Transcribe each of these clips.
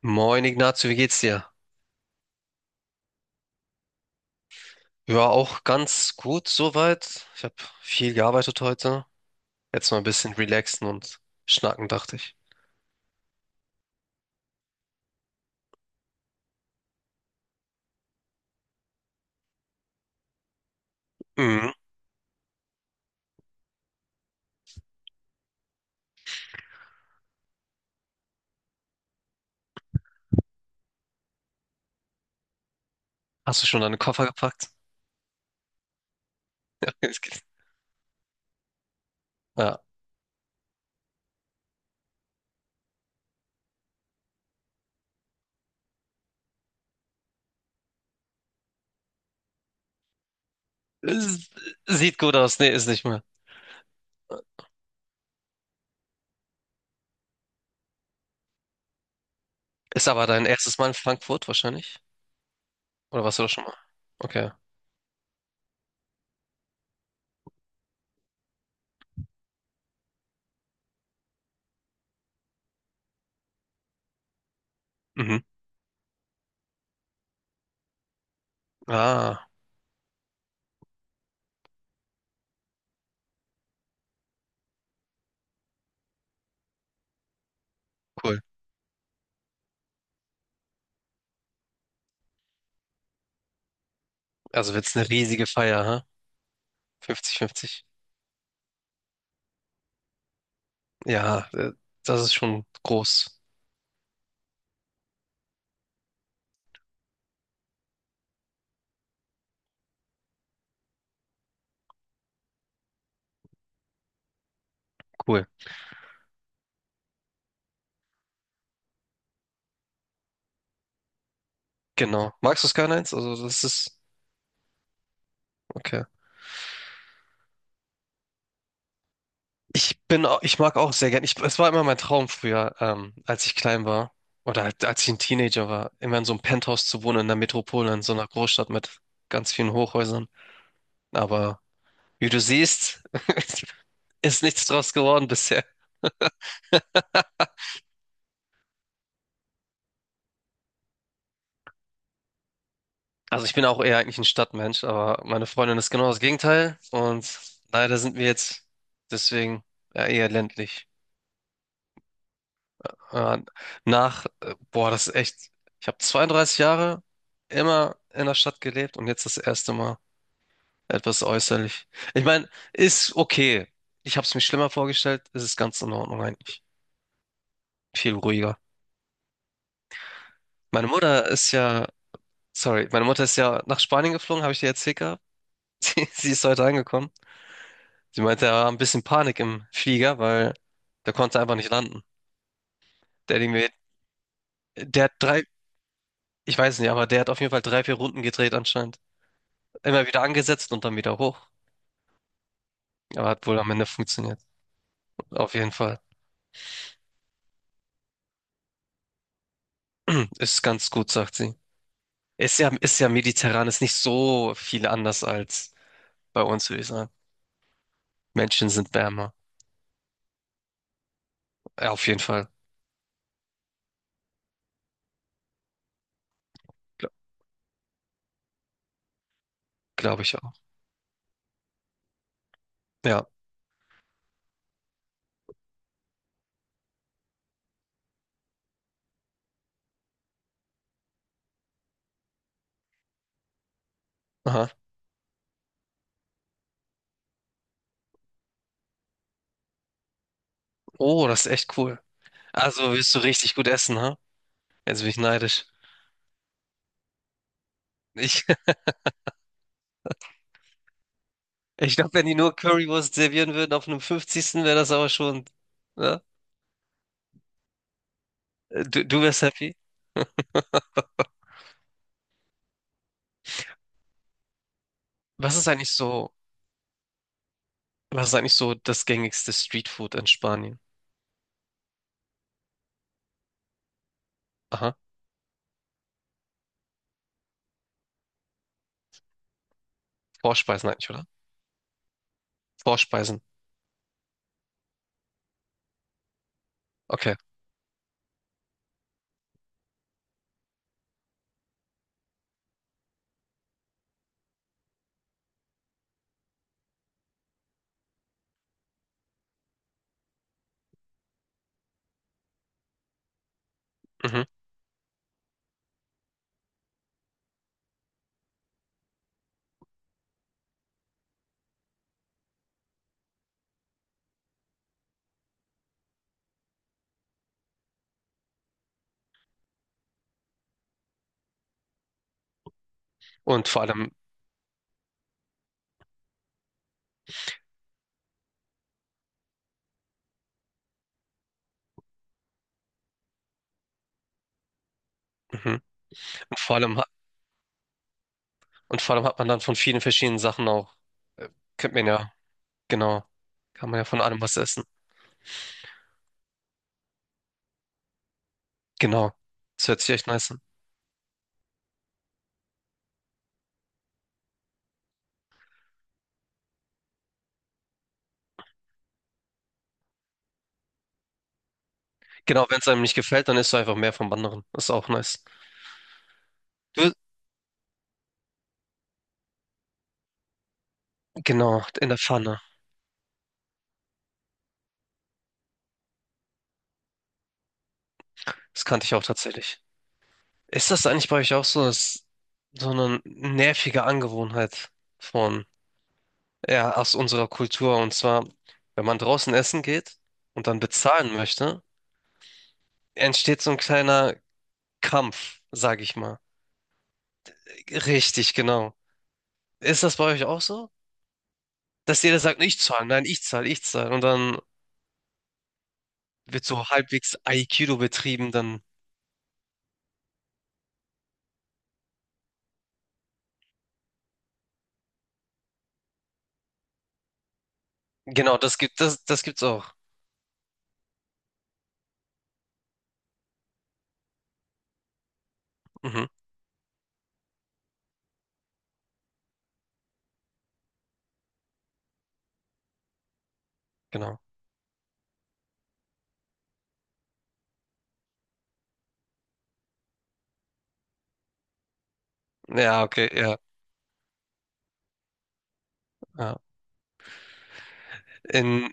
Moin Ignazio, wie geht's dir? Ja, auch ganz gut soweit. Ich habe viel gearbeitet heute. Jetzt mal ein bisschen relaxen und schnacken, dachte ich. Mhm. Hast du schon deine Koffer gepackt? Es geht- Ja. Es Sieht gut aus. Nee, ist nicht mehr. Ist aber dein erstes Mal in Frankfurt wahrscheinlich? Oder warst du da schon mal? Okay. Mhm. Ah, cool. Also wird's eine riesige Feier, ha? 50-50. Ja, das ist schon groß. Cool. Genau. Magst du Skylines? Also das ist. Okay. Ich mag auch sehr gern. Ich, es war immer mein Traum früher, als ich klein war oder halt, als ich ein Teenager war, immer in so einem Penthouse zu wohnen in der Metropole, in so einer Großstadt mit ganz vielen Hochhäusern. Aber wie du siehst, ist nichts draus geworden bisher. Also ich bin auch eher eigentlich ein Stadtmensch, aber meine Freundin ist genau das Gegenteil und leider sind wir jetzt deswegen ja, eher ländlich. Äh, boah, das ist echt. Ich habe 32 Jahre immer in der Stadt gelebt und jetzt das erste Mal. Etwas äußerlich. Ich meine, ist okay. Ich habe es mir schlimmer vorgestellt. Es ist ganz in Ordnung eigentlich. Viel ruhiger. Meine Mutter ist ja, sorry, meine Mutter ist ja nach Spanien geflogen, habe ich dir erzählt gehabt. Sie ist heute angekommen. Sie meinte, er war ein bisschen Panik im Flieger, weil der konnte einfach nicht landen. Der, Ding wird- der hat drei, ich weiß nicht, aber der hat auf jeden Fall drei, vier Runden gedreht anscheinend. Immer wieder angesetzt und dann wieder hoch. Aber hat wohl am Ende funktioniert. Auf jeden Fall. Ist ganz gut, sagt sie. Ist ja mediterran, ist nicht so viel anders als bei uns, würde ich sagen. Menschen sind wärmer. Ja, auf jeden Fall. Gla- glaube ich auch. Ja. Aha. Oh, das ist echt cool. Also willst du richtig gut essen, ha? Jetzt bin ich neidisch. Ich, ich glaube, wenn die nur Currywurst servieren würden auf einem 50. wäre das aber schon. Ne? Du wärst happy. Was ist eigentlich so, was ist eigentlich so das gängigste Streetfood in Spanien? Aha. Vorspeisen eigentlich, oder? Vorspeisen. Okay. Mhm. Und vor allem, mhm. Und vor allem Und vor allem hat man dann von vielen verschiedenen Sachen auch, äh, könnte man ja, genau, kann man ja von allem was essen. Genau, das hört sich echt nice an. Genau, wenn es einem nicht gefällt, dann isst du einfach mehr vom anderen. Ist auch nice. Du, genau, in der Pfanne. Das kannte ich auch tatsächlich. Ist das eigentlich bei euch auch so, dass so eine nervige Angewohnheit von, ja, aus unserer Kultur? Und zwar, wenn man draußen essen geht und dann bezahlen möchte, entsteht so ein kleiner Kampf, sag ich mal. Richtig, genau. Ist das bei euch auch so? Dass jeder sagt, ich zahle, nein, ich zahle, ich zahle. Und dann wird so halbwegs Aikido betrieben, dann. Das, das gibt's auch. Mhm, genau. Ja, okay, ja, ja. In,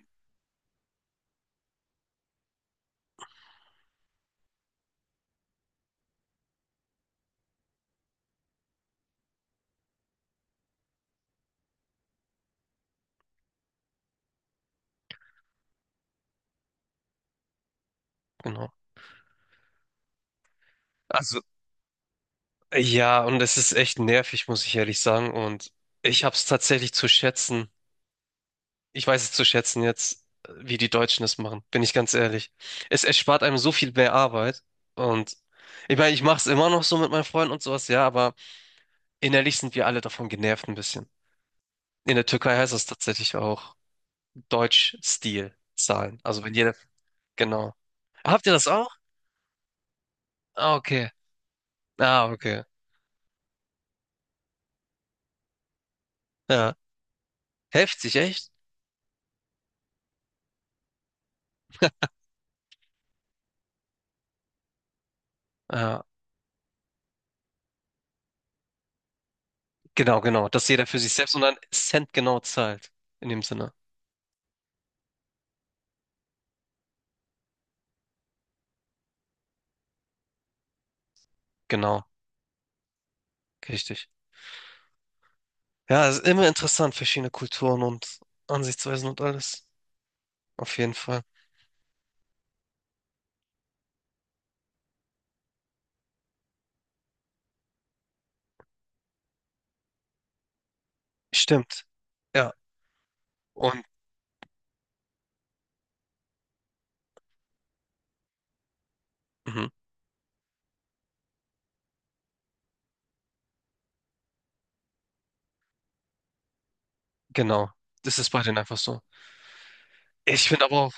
genau. Also, ja, und es ist echt nervig, muss ich ehrlich sagen. Und ich hab's tatsächlich zu schätzen. Ich weiß es zu schätzen jetzt, wie die Deutschen es machen, bin ich ganz ehrlich. Es erspart einem so viel mehr Arbeit. Und ich meine, ich mach's immer noch so mit meinen Freunden und sowas, ja, aber innerlich sind wir alle davon genervt ein bisschen. In der Türkei heißt das tatsächlich auch Deutsch-Stil-Zahlen. Also wenn jeder, genau. Habt ihr das auch? Ah, okay. Ah, okay. Ja. Heftig, echt? Ja, genau, genau. Dass jeder für sich selbst und dann Cent genau zahlt. In dem Sinne. Genau, richtig. Ja, es ist immer interessant, verschiedene Kulturen und Ansichtsweisen und alles. Auf jeden Fall. Stimmt. Ja. Und mhm, genau. Das ist bei denen einfach so. Ich finde aber auch,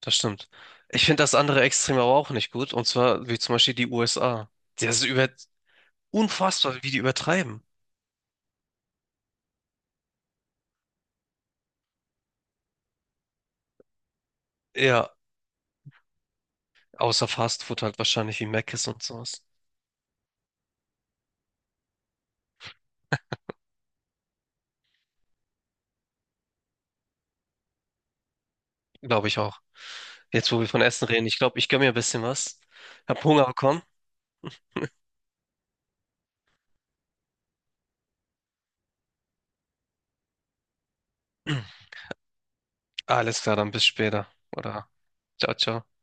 das stimmt. Ich finde das andere Extrem aber auch nicht gut. Und zwar wie zum Beispiel die USA. Das ist über unfassbar, wie die übertreiben. Ja, außer Fast Food halt wahrscheinlich wie Mc's und sowas. Glaube ich auch. Jetzt, wo wir von Essen reden, ich glaube, ich gönne mir ein bisschen was. Hab Hunger bekommen. Alles klar, dann bis später. Oder ciao, ciao.